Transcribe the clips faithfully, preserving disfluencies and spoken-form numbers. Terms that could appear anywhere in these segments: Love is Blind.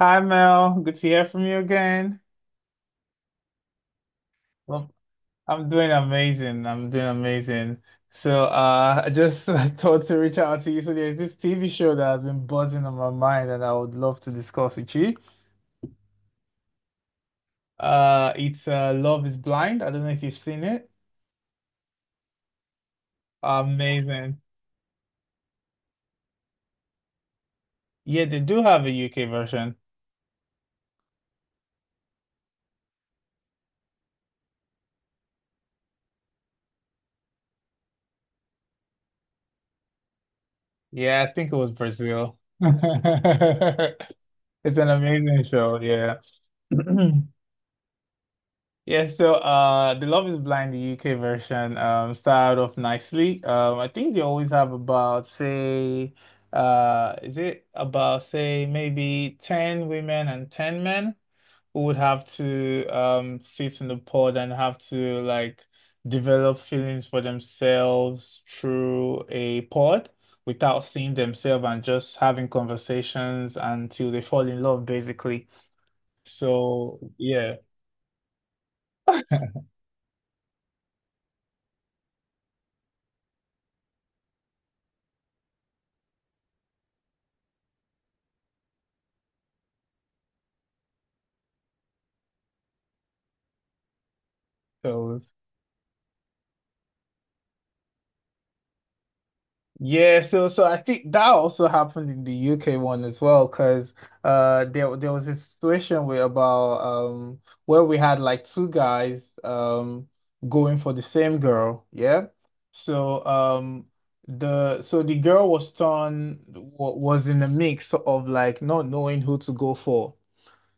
Hi Mel, good to hear from you again. Well, I'm doing amazing. I'm doing amazing. So uh, I just thought to reach out to you. So there's this T V show that has been buzzing on my mind and I would love to discuss with you. Uh, it's uh, Love is Blind. I don't know if you've seen it. Amazing. Yeah, they do have a U K version. Yeah, I think it was Brazil. It's an amazing show. Yeah. Yeah, so uh the Love is Blind, the U K version, um started off nicely. Um I think they always have about say uh is it about say maybe ten women and ten men who would have to um sit in the pod and have to like develop feelings for themselves through a pod without seeing themselves and just having conversations until they fall in love basically. So yeah, so yeah, so so I think that also happened in the U K one as well, because uh there there was a situation where about um where we had like two guys um going for the same girl, yeah. So um the so the girl was turned wa- was in a mix of like not knowing who to go for.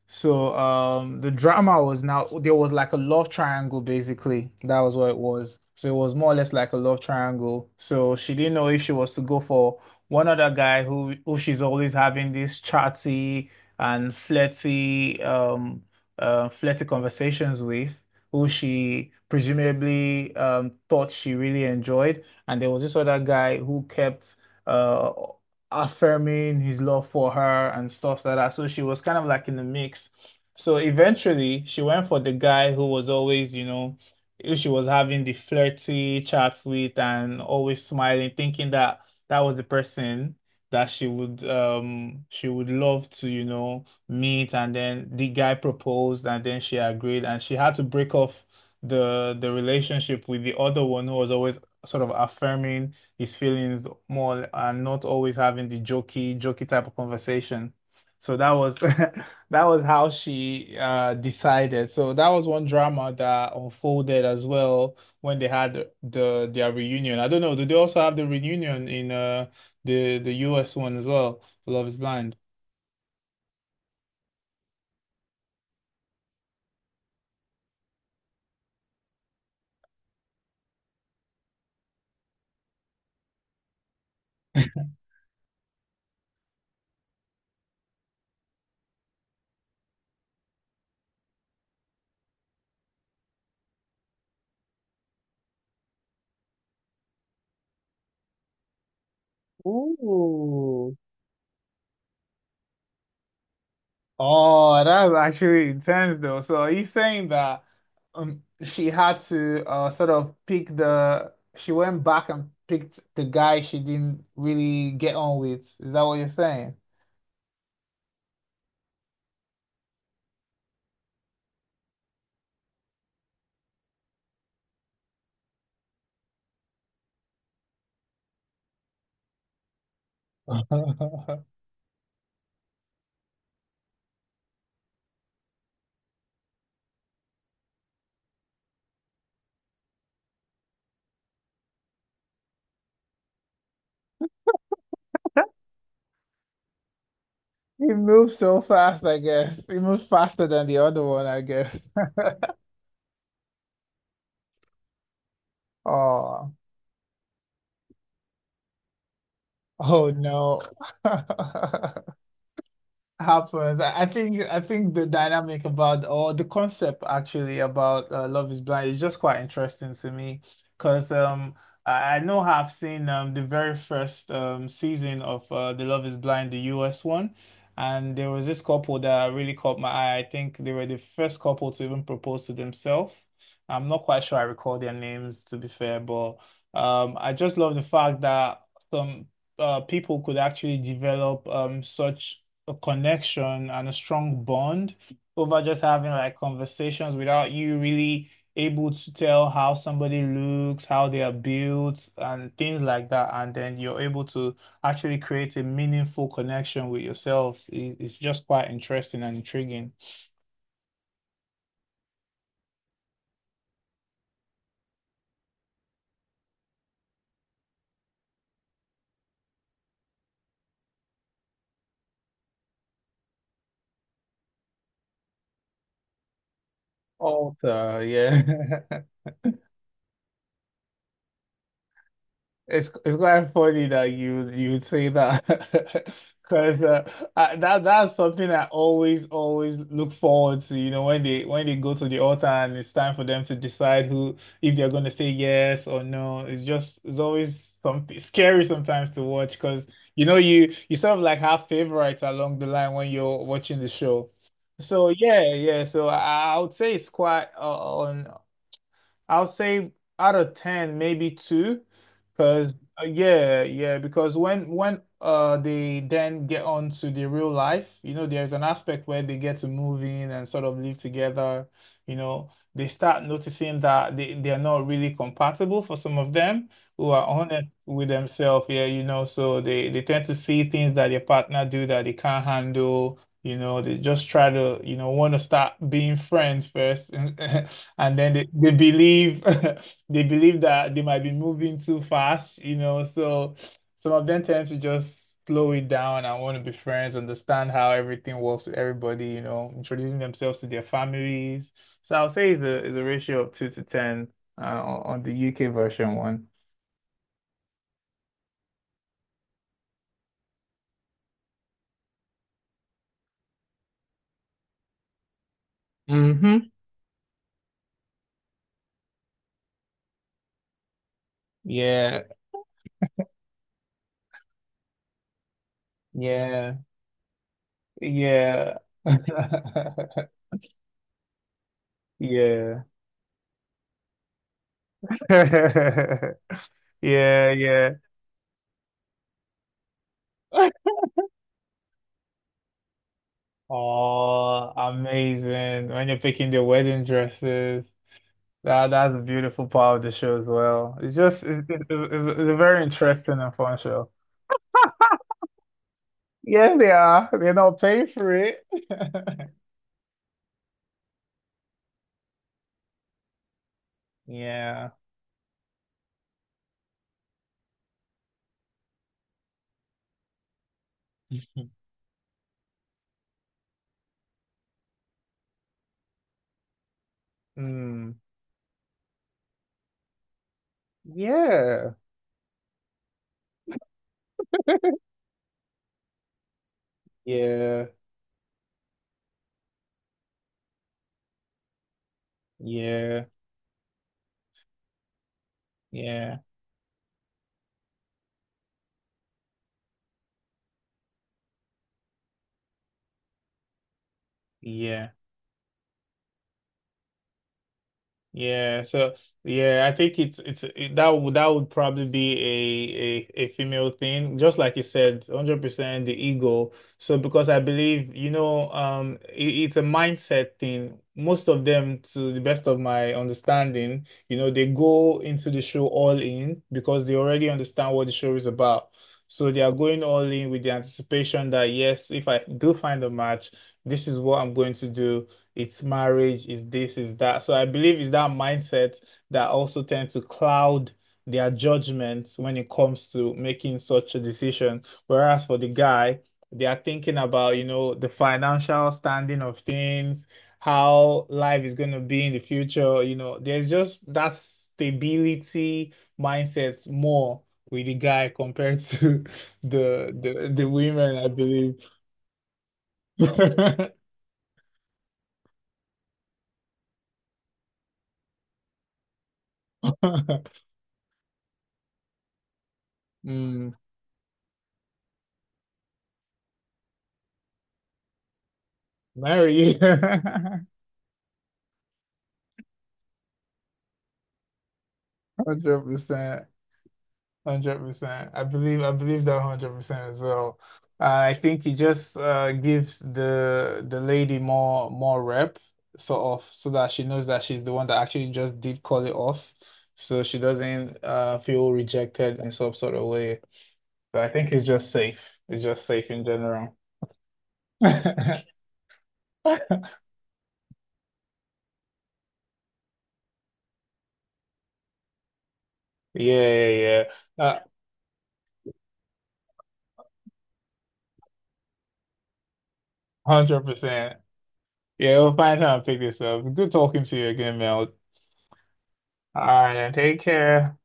So um the drama was now there was like a love triangle basically. That was what it was. So it was more or less like a love triangle. So she didn't know if she was to go for one other guy who who she's always having these chatty and flirty um uh, flirty conversations with, who she presumably um thought she really enjoyed. And there was this other guy who kept uh affirming his love for her and stuff like that. So she was kind of like in the mix. So eventually she went for the guy who was always, you know, who she was having the flirty chats with and always smiling, thinking that that was the person that she would um she would love to, you know, meet. And then the guy proposed and then she agreed and she had to break off the the relationship with the other one who was always sort of affirming his feelings more and not always having the jokey, jokey type of conversation. So that was that was how she uh decided. So that was one drama that unfolded as well when they had the their reunion. I don't know, do they also have the reunion in uh the the U S one as well, Love is Blind? Ooh. Oh, that's actually intense though. So are you saying that um she had to uh sort of pick the she went back and picked the guy she didn't really get on with. Is that what you're saying? He moves so fast, I guess. He moves faster than the other one, I guess. Oh, oh no. happens. I I think I think the dynamic about or the concept actually about uh, Love is Blind is just quite interesting to me because um I, I know I've seen um the very first um season of uh, the Love is Blind the U S one and there was this couple that really caught my eye. I think they were the first couple to even propose to themselves. I'm not quite sure I recall their names to be fair, but um I just love the fact that some uh, people could actually develop um such a connection and a strong bond over just having like conversations without you really able to tell how somebody looks, how they are built, and things like that. And then you're able to actually create a meaningful connection with yourself. It- It's just quite interesting and intriguing. Author, yeah. It's it's quite funny that you you would say that because uh, I, that that's something I always always look forward to. You know, when they when they go to the altar and it's time for them to decide who if they're going to say yes or no. It's just it's always something scary sometimes to watch because you know you you sort of like have favorites along the line when you're watching the show. So yeah, yeah. So I, I would say it's quite uh, on. I'll say out of ten, maybe two, because uh, yeah, yeah, because when when uh they then get on to the real life, you know, there's an aspect where they get to move in and sort of live together, you know, they start noticing that they, they're not really compatible for some of them who are honest with themselves, yeah, you know, so they they tend to see things that their partner do that they can't handle. You know, they just try to, you know, want to start being friends first. And then they, they believe they believe that they might be moving too fast, you know. So some of them tend to just slow it down and want to be friends, understand how everything works with everybody, you know, introducing themselves to their families. So I'll say it's a it's a ratio of two to ten uh, on on the U K version one. Hmm. Yeah, yeah, yeah. Yeah. Yeah, yeah. Oh, amazing. When you're picking the wedding dresses, that that's a beautiful part of the show as well. It's just it's, it's, it's it's a very interesting and fun show. Yeah, they are. They're not paying for it. Yeah. Mm. Yeah. Yeah. Yeah. Yeah. Yeah. Yeah, so yeah, I think it's it's it, that would that would probably be a a a female thing, just like you said, one hundred percent the ego. So because I believe, you know, um, it, it's a mindset thing. Most of them, to the best of my understanding, you know, they go into the show all in because they already understand what the show is about. So they are going all in with the anticipation that yes, if I do find a match, this is what I'm going to do. It's marriage, it's this, it's that. So I believe it's that mindset that also tends to cloud their judgments when it comes to making such a decision. Whereas for the guy, they are thinking about, you know, the financial standing of things, how life is going to be in the future. You know, there's just that stability mindset more with the guy compared to the the the women, I believe. Mm. Marry. Hundred percent. Hundred percent. I believe I believe that hundred percent as well. Uh, I think he just uh gives the the lady more more rep sort of so that she knows that she's the one that actually just did call it off. So she doesn't uh feel rejected in some sort of way. But I think it's just safe. It's just safe in general. Yeah, yeah, yeah. Uh, one hundred percent. Yeah, we'll find time and pick this up. Good talking to you again, Mel. All right, now take care.